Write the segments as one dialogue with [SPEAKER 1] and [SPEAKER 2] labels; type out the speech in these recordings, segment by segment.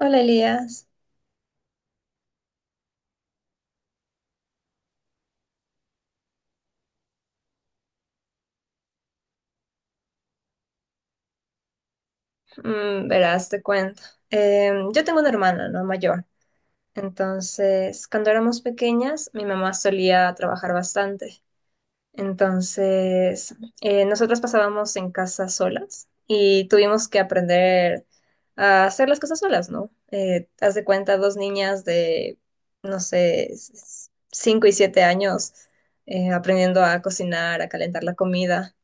[SPEAKER 1] Hola Elías. Verás, te cuento. Yo tengo una hermana, ¿no? Mayor. Entonces, cuando éramos pequeñas, mi mamá solía trabajar bastante. Entonces, nosotras pasábamos en casa solas y tuvimos que aprender a hacer las cosas solas, ¿no? Haz de cuenta, dos niñas de, no sé, 5 y 7 años, aprendiendo a cocinar, a calentar la comida,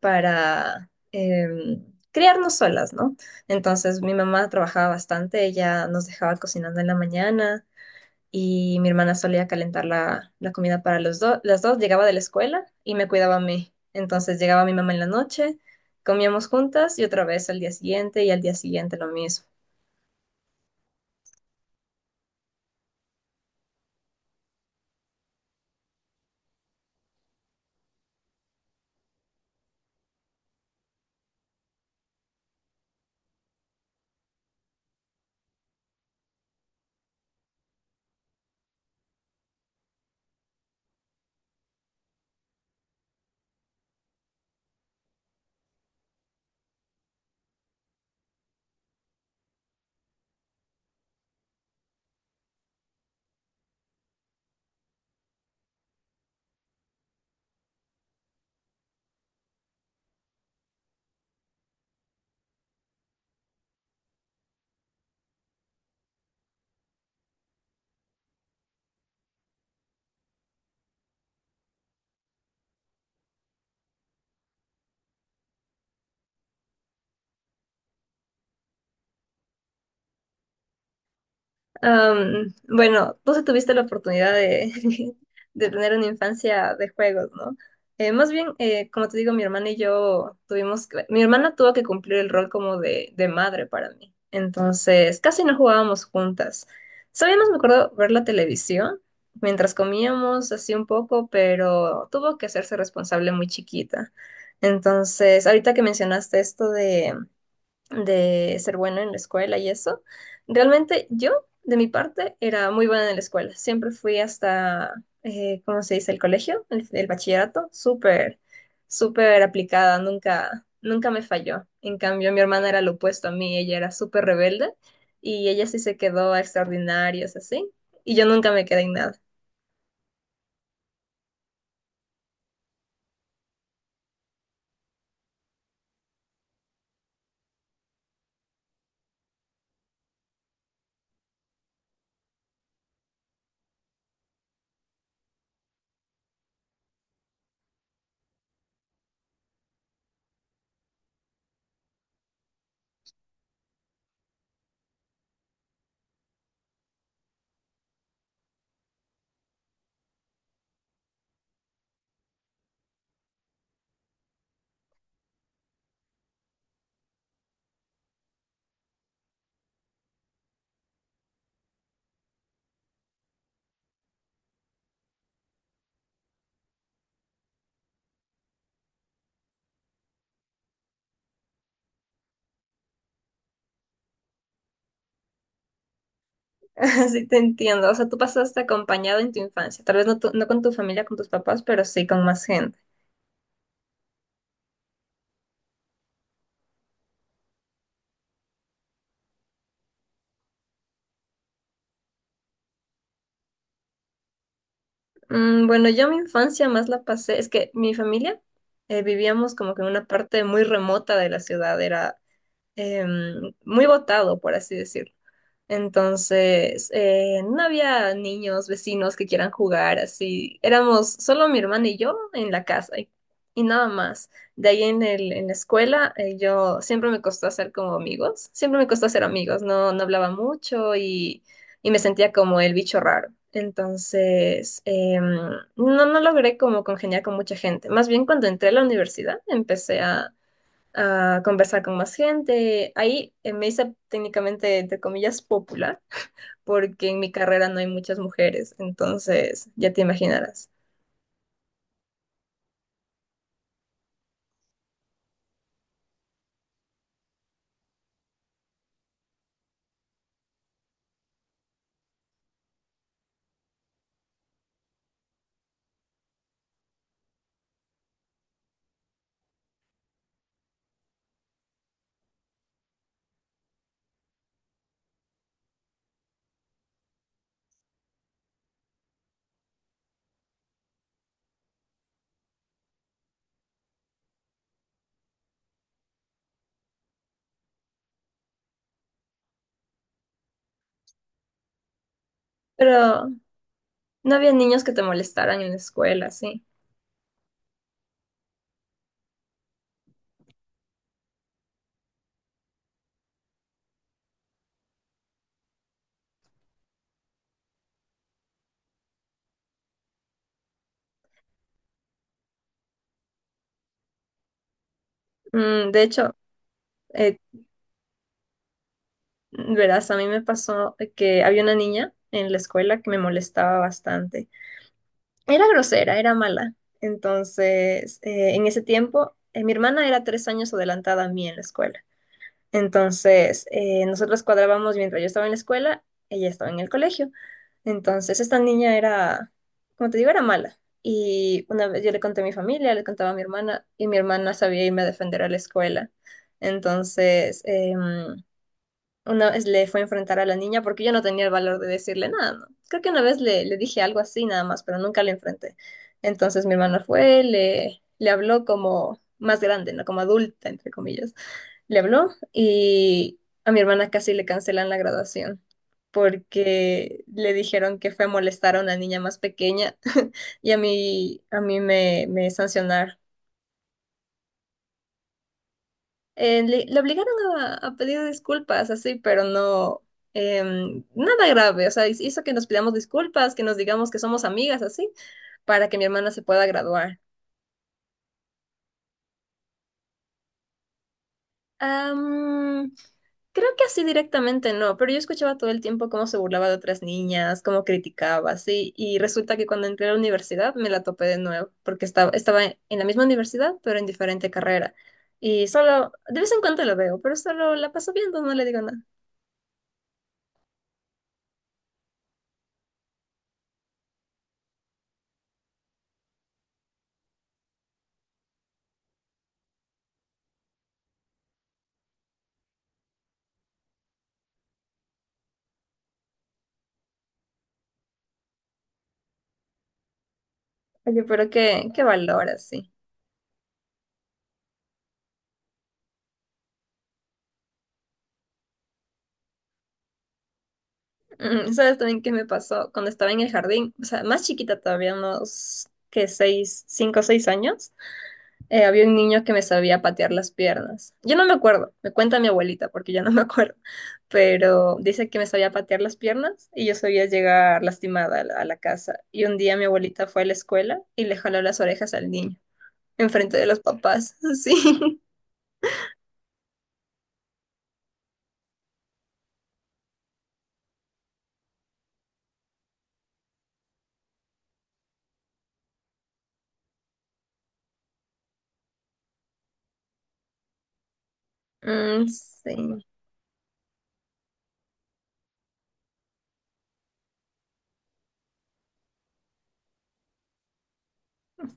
[SPEAKER 1] para criarnos solas, ¿no? Entonces mi mamá trabajaba bastante, ella nos dejaba cocinando en la mañana y mi hermana solía calentar la comida para los dos. Las dos llegaba de la escuela y me cuidaba a mí. Entonces llegaba mi mamá en la noche, comíamos juntas y otra vez al día siguiente y al día siguiente lo mismo. Bueno, tú sí tuviste la oportunidad de, de tener una infancia de juegos, ¿no? Más bien, como te digo, mi hermana y yo tuvimos, mi hermana tuvo que cumplir el rol como de madre para mí. Entonces, casi no jugábamos juntas. Sabíamos, me acuerdo, ver la televisión mientras comíamos así un poco, pero tuvo que hacerse responsable muy chiquita. Entonces, ahorita que mencionaste esto de ser buena en la escuela y eso. Realmente yo, de mi parte, era muy buena en la escuela. Siempre fui hasta, ¿cómo se dice? El colegio, el bachillerato, súper, súper aplicada, nunca, nunca me falló. En cambio, mi hermana era lo opuesto a mí, ella era súper rebelde y ella sí se quedó a extraordinarios, así, y yo nunca me quedé en nada. Así te entiendo. O sea, tú pasaste acompañado en tu infancia. Tal vez no, no con tu familia, con tus papás, pero sí con más gente. Bueno, yo mi infancia más la pasé, es que mi familia, vivíamos como que en una parte muy remota de la ciudad, era muy botado, por así decirlo. Entonces, no había niños, vecinos que quieran jugar así. Éramos solo mi hermana y yo en la casa y nada más. De ahí en el, en la escuela, yo siempre me costó hacer como amigos. Siempre me costó hacer amigos. No, no hablaba mucho y me sentía como el bicho raro. Entonces, no, no logré como congeniar con mucha gente. Más bien cuando entré a la universidad, empecé a conversar con más gente. Ahí me hice técnicamente, entre comillas, popular, porque en mi carrera no hay muchas mujeres, entonces ya te imaginarás. Pero no había niños que te molestaran en la escuela, sí. De hecho, eh, verás, a mí me pasó que había una niña en la escuela que me molestaba bastante. Era grosera, era mala. Entonces, en ese tiempo, mi hermana era 3 años adelantada a mí en la escuela. Entonces, nosotros cuadrábamos mientras yo estaba en la escuela, ella estaba en el colegio. Entonces, esta niña era, como te digo, era mala. Y una vez yo le conté a mi familia, le contaba a mi hermana, y mi hermana sabía irme a defender a la escuela. Entonces, una vez le fue a enfrentar a la niña porque yo no tenía el valor de decirle nada, ¿no? Creo que una vez le dije algo así nada más, pero nunca le enfrenté. Entonces, mi hermana fue, le habló como más grande, ¿no? Como adulta, entre comillas, le habló y a mi hermana casi le cancelan la graduación porque le dijeron que fue a molestar a una niña más pequeña y a mí, me sancionaron. Le obligaron a pedir disculpas, así, pero no, nada grave, o sea, hizo que nos pidamos disculpas, que nos digamos que somos amigas, así, para que mi hermana se pueda graduar. Am, Creo que así directamente no, pero yo escuchaba todo el tiempo cómo se burlaba de otras niñas, cómo criticaba, así, y resulta que cuando entré a la universidad me la topé de nuevo, porque estaba en la misma universidad, pero en diferente carrera. Y solo, de vez en cuando la veo, pero solo la paso viendo, no le digo nada. Oye, pero qué, qué valor así. ¿Sabes también qué me pasó? Cuando estaba en el jardín, o sea, más chiquita todavía, unos, que 6, 5 o 6 años, había un niño que me sabía patear las piernas. Yo no me acuerdo, me cuenta mi abuelita porque yo no me acuerdo, pero dice que me sabía patear las piernas y yo sabía llegar lastimada a a la casa. Y un día mi abuelita fue a la escuela y le jaló las orejas al niño, enfrente de los papás. Sí. Mm, sí,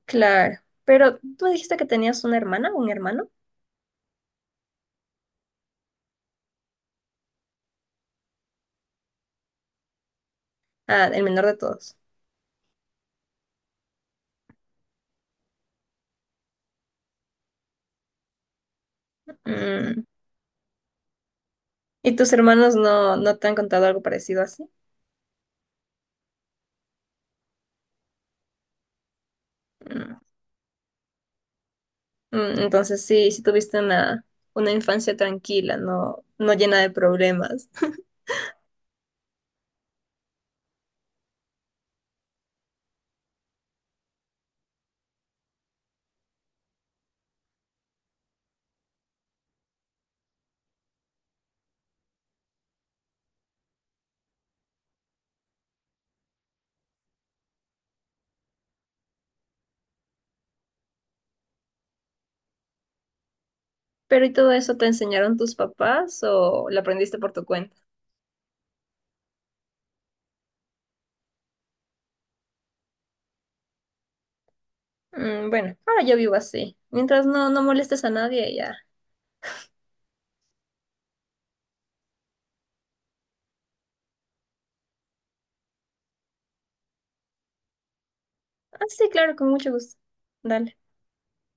[SPEAKER 1] claro. Pero tú dijiste que tenías una hermana, un hermano, ah, el menor de todos. Mm, ¿y tus hermanos no, no te han contado algo parecido así? Mm. Mm, entonces sí, sí tuviste una infancia tranquila, no, no llena de problemas. Pero ¿y todo eso te enseñaron tus papás o lo aprendiste por tu cuenta? Mm, bueno, ahora yo vivo así. Mientras no, no molestes a nadie, ya. Ah, sí, claro, con mucho gusto. Dale.